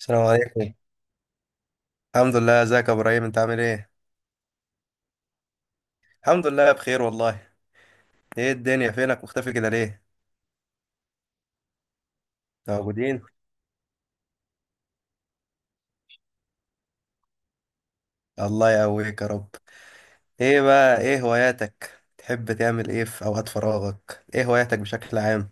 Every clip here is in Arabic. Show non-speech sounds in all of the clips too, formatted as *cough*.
السلام عليكم. الحمد لله، ازيك يا ابراهيم؟ انت عامل ايه؟ الحمد لله بخير والله. ايه الدنيا، فينك مختفي كده ليه؟ موجودين. الله يقويك يا رب. ايه بقى، ايه هواياتك؟ تحب تعمل ايه في اوقات فراغك؟ ايه هواياتك بشكل عام؟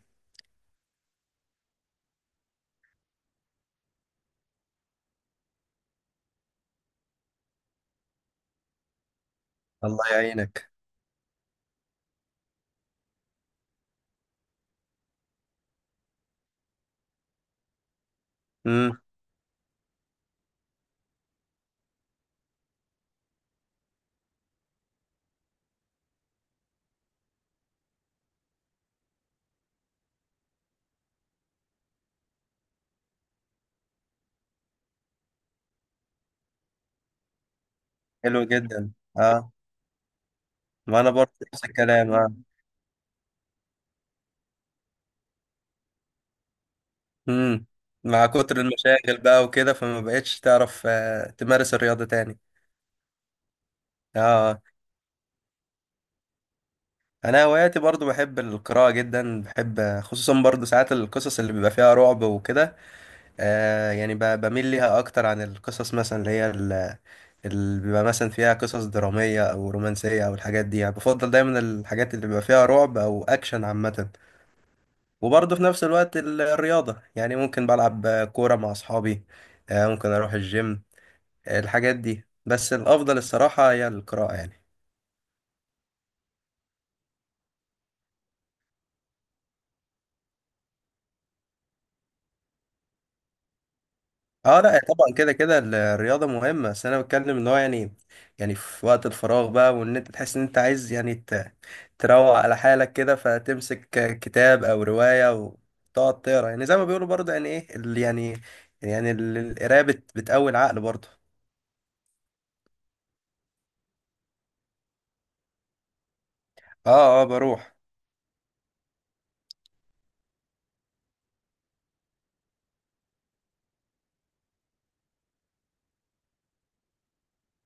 الله يعينك. امم حلو جدا. اه، ما انا برضه نفس الكلام، اه. امم مع كتر المشاغل بقى وكده، فما بقتش تعرف تمارس الرياضة تاني. اه، انا هواياتي برضو بحب القراءه جدا، بحب خصوصا برضو ساعات القصص اللي بيبقى فيها رعب وكده. آه يعني بميل ليها اكتر عن القصص مثلا اللي هي اللي بيبقى مثلا فيها قصص دراميه او رومانسيه او الحاجات دي، يعني بفضل دايما الحاجات اللي بيبقى فيها رعب او اكشن عامه. وبرضو في نفس الوقت الرياضه، يعني ممكن بلعب كوره مع اصحابي. آه ممكن اروح الجيم، الحاجات دي، بس الافضل الصراحه هي القراءه يعني. اه لا طبعا، كده كده الرياضة مهمة، بس انا بتكلم ان هو يعني، يعني في وقت الفراغ بقى وان انت تحس ان انت عايز يعني تروق على حالك كده، فتمسك كتاب او رواية وتقعد تقرا، يعني زي ما بيقولوا برضه يعني ايه يعني القراية بتقوي العقل برضه. اه اه بروح.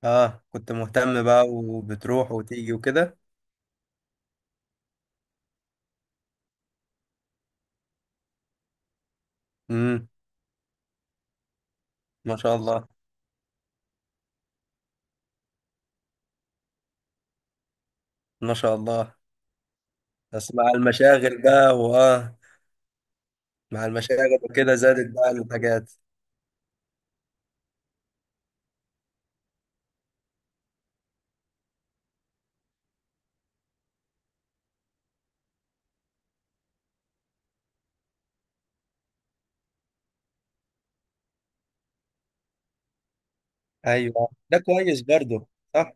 اه كنت مهتم بقى وبتروح وتيجي وكده. امم ما شاء الله. ما شاء الله. بس مع المشاغل بقى، واه. مع المشاغل وكده زادت بقى الحاجات. ايوه ده كويس برضه. صح.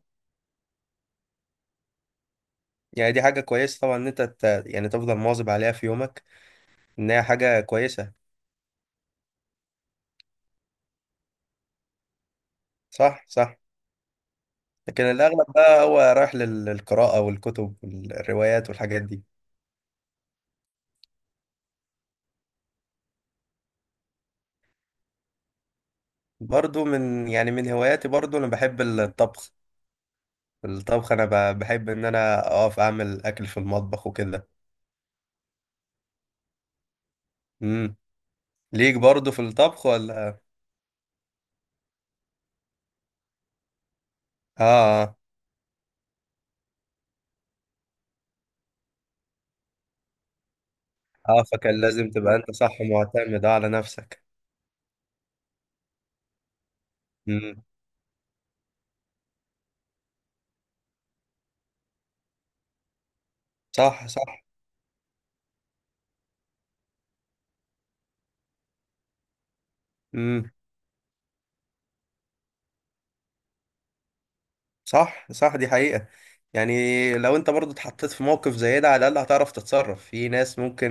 يعني دي حاجة كويسة طبعا ان انت يعني تفضل مواظب عليها في يومك، ان هي حاجة كويسة. صح صح. لكن الاغلب بقى هو رايح للقراءة والكتب والروايات والحاجات دي. برضه من يعني من هواياتي برضه انا بحب الطبخ. الطبخ انا بحب ان انا اقف اعمل اكل في المطبخ وكده. امم ليك برضه في الطبخ ولا؟ اه. اه. فكان لازم تبقى انت صح معتمد على نفسك. امم صح صح. امم صح صح دي حقيقة. يعني لو انت برضو اتحطيت في موقف زي ده، على الأقل هتعرف تتصرف في ناس ممكن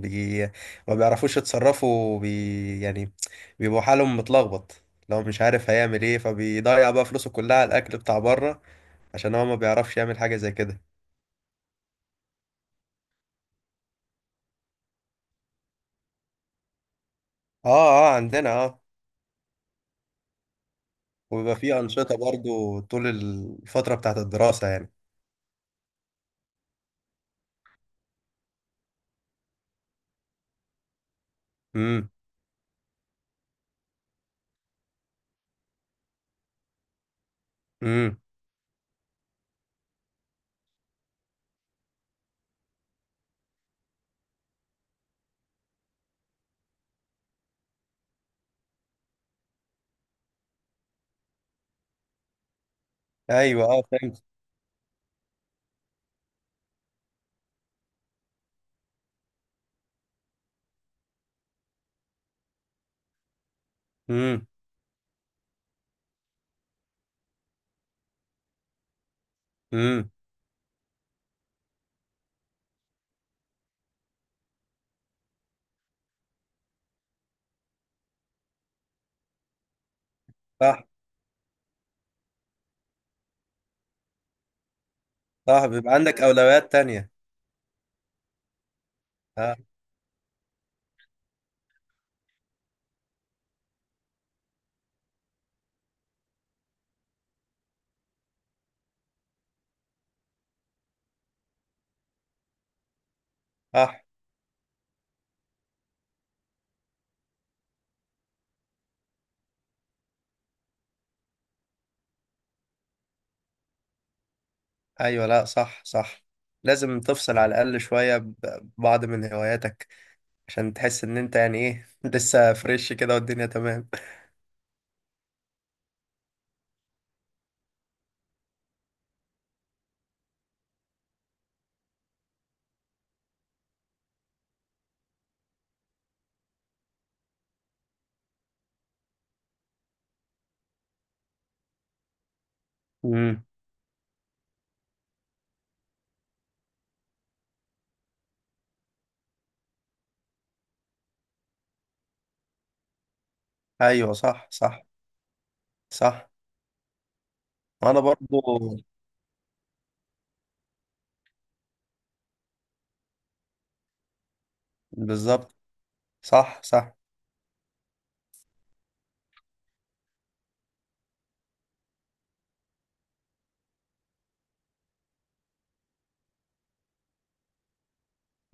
بي... ما بيعرفوش يتصرفوا يعني بيبقوا حالهم متلخبط. لو مش عارف هيعمل ايه فبيضيع بقى فلوسه كلها على الأكل بتاع بره، عشان هو ما بيعرفش يعمل حاجة زي كده. اه، اه عندنا اه. وبيبقى في أنشطة برضو طول الفترة بتاعت الدراسة يعني. امم امم ايوه اه فهمت. امم امم صح صح بيبقى عندك أولويات تانية. اه صح. ايوه لا صح صح. لازم تفصل على الاقل شويه ببعض من هواياتك عشان تحس ان انت يعني ايه *laughs* لسه فريش كده والدنيا تمام. امم ايوه صح صح. صح. وانا برضو. بالظبط. صح صح.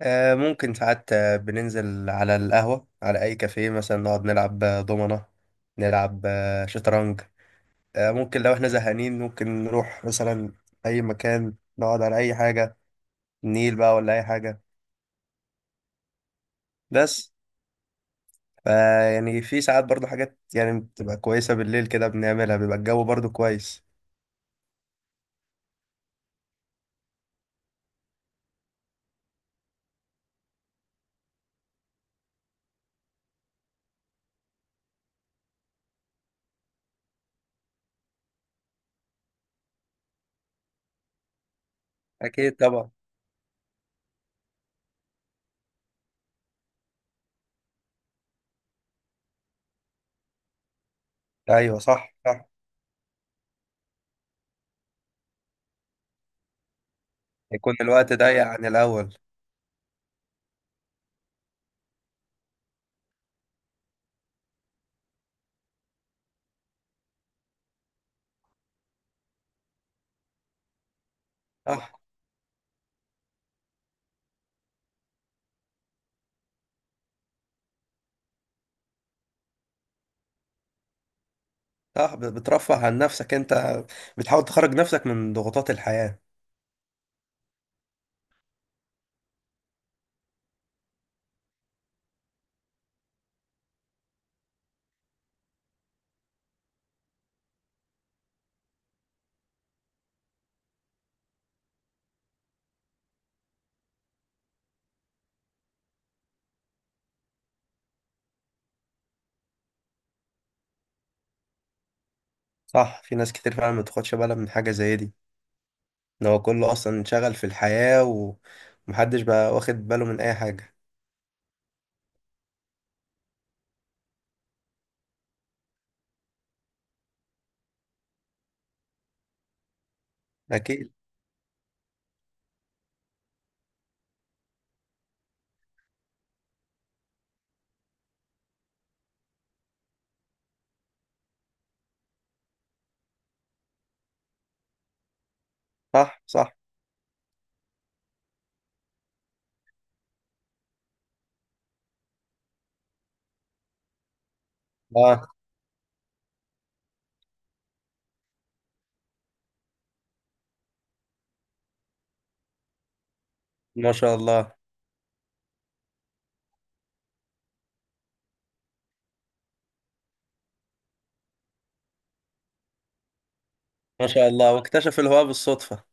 آه ممكن ساعات، بننزل على القهوه، على اي كافيه مثلا، نقعد نلعب دومنه، نلعب شطرنج. آه ممكن لو احنا زهقانين ممكن نروح مثلا اي مكان نقعد على اي حاجه، النيل بقى ولا اي حاجه. بس فيعني في ساعات برضو حاجات يعني بتبقى كويسة بالليل كده بنعملها، بيبقى الجو برضو كويس. أكيد طبعا. أيوة صح صح. يكون الوقت ضيق عن الأول. صح صح بترفه عن نفسك أنت، بتحاول تخرج نفسك من ضغوطات الحياة. صح في ناس كتير فعلا ما بتاخدش بالها من حاجة زي دي، إن هو كله أصلا انشغل في الحياة، ومحدش بقى واخد باله من أي حاجة. أكيد. صح صح. آه ما شاء الله. ما شاء الله واكتشف الهواء بالصدفة.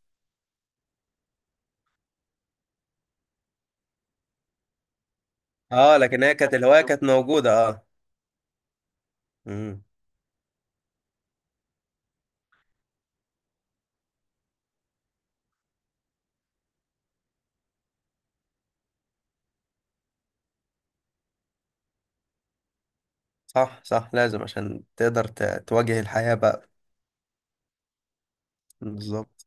اه لكن هي كانت الهواية كانت موجودة اه. مم. صح صح لازم عشان تقدر تواجه الحياة بقى. بالظبط.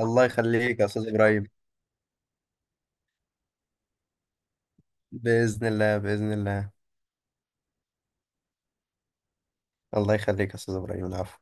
الله يخليك يا أستاذ إبراهيم. بإذن الله بإذن الله. الله يخليك يا أستاذ إبراهيم، العفو.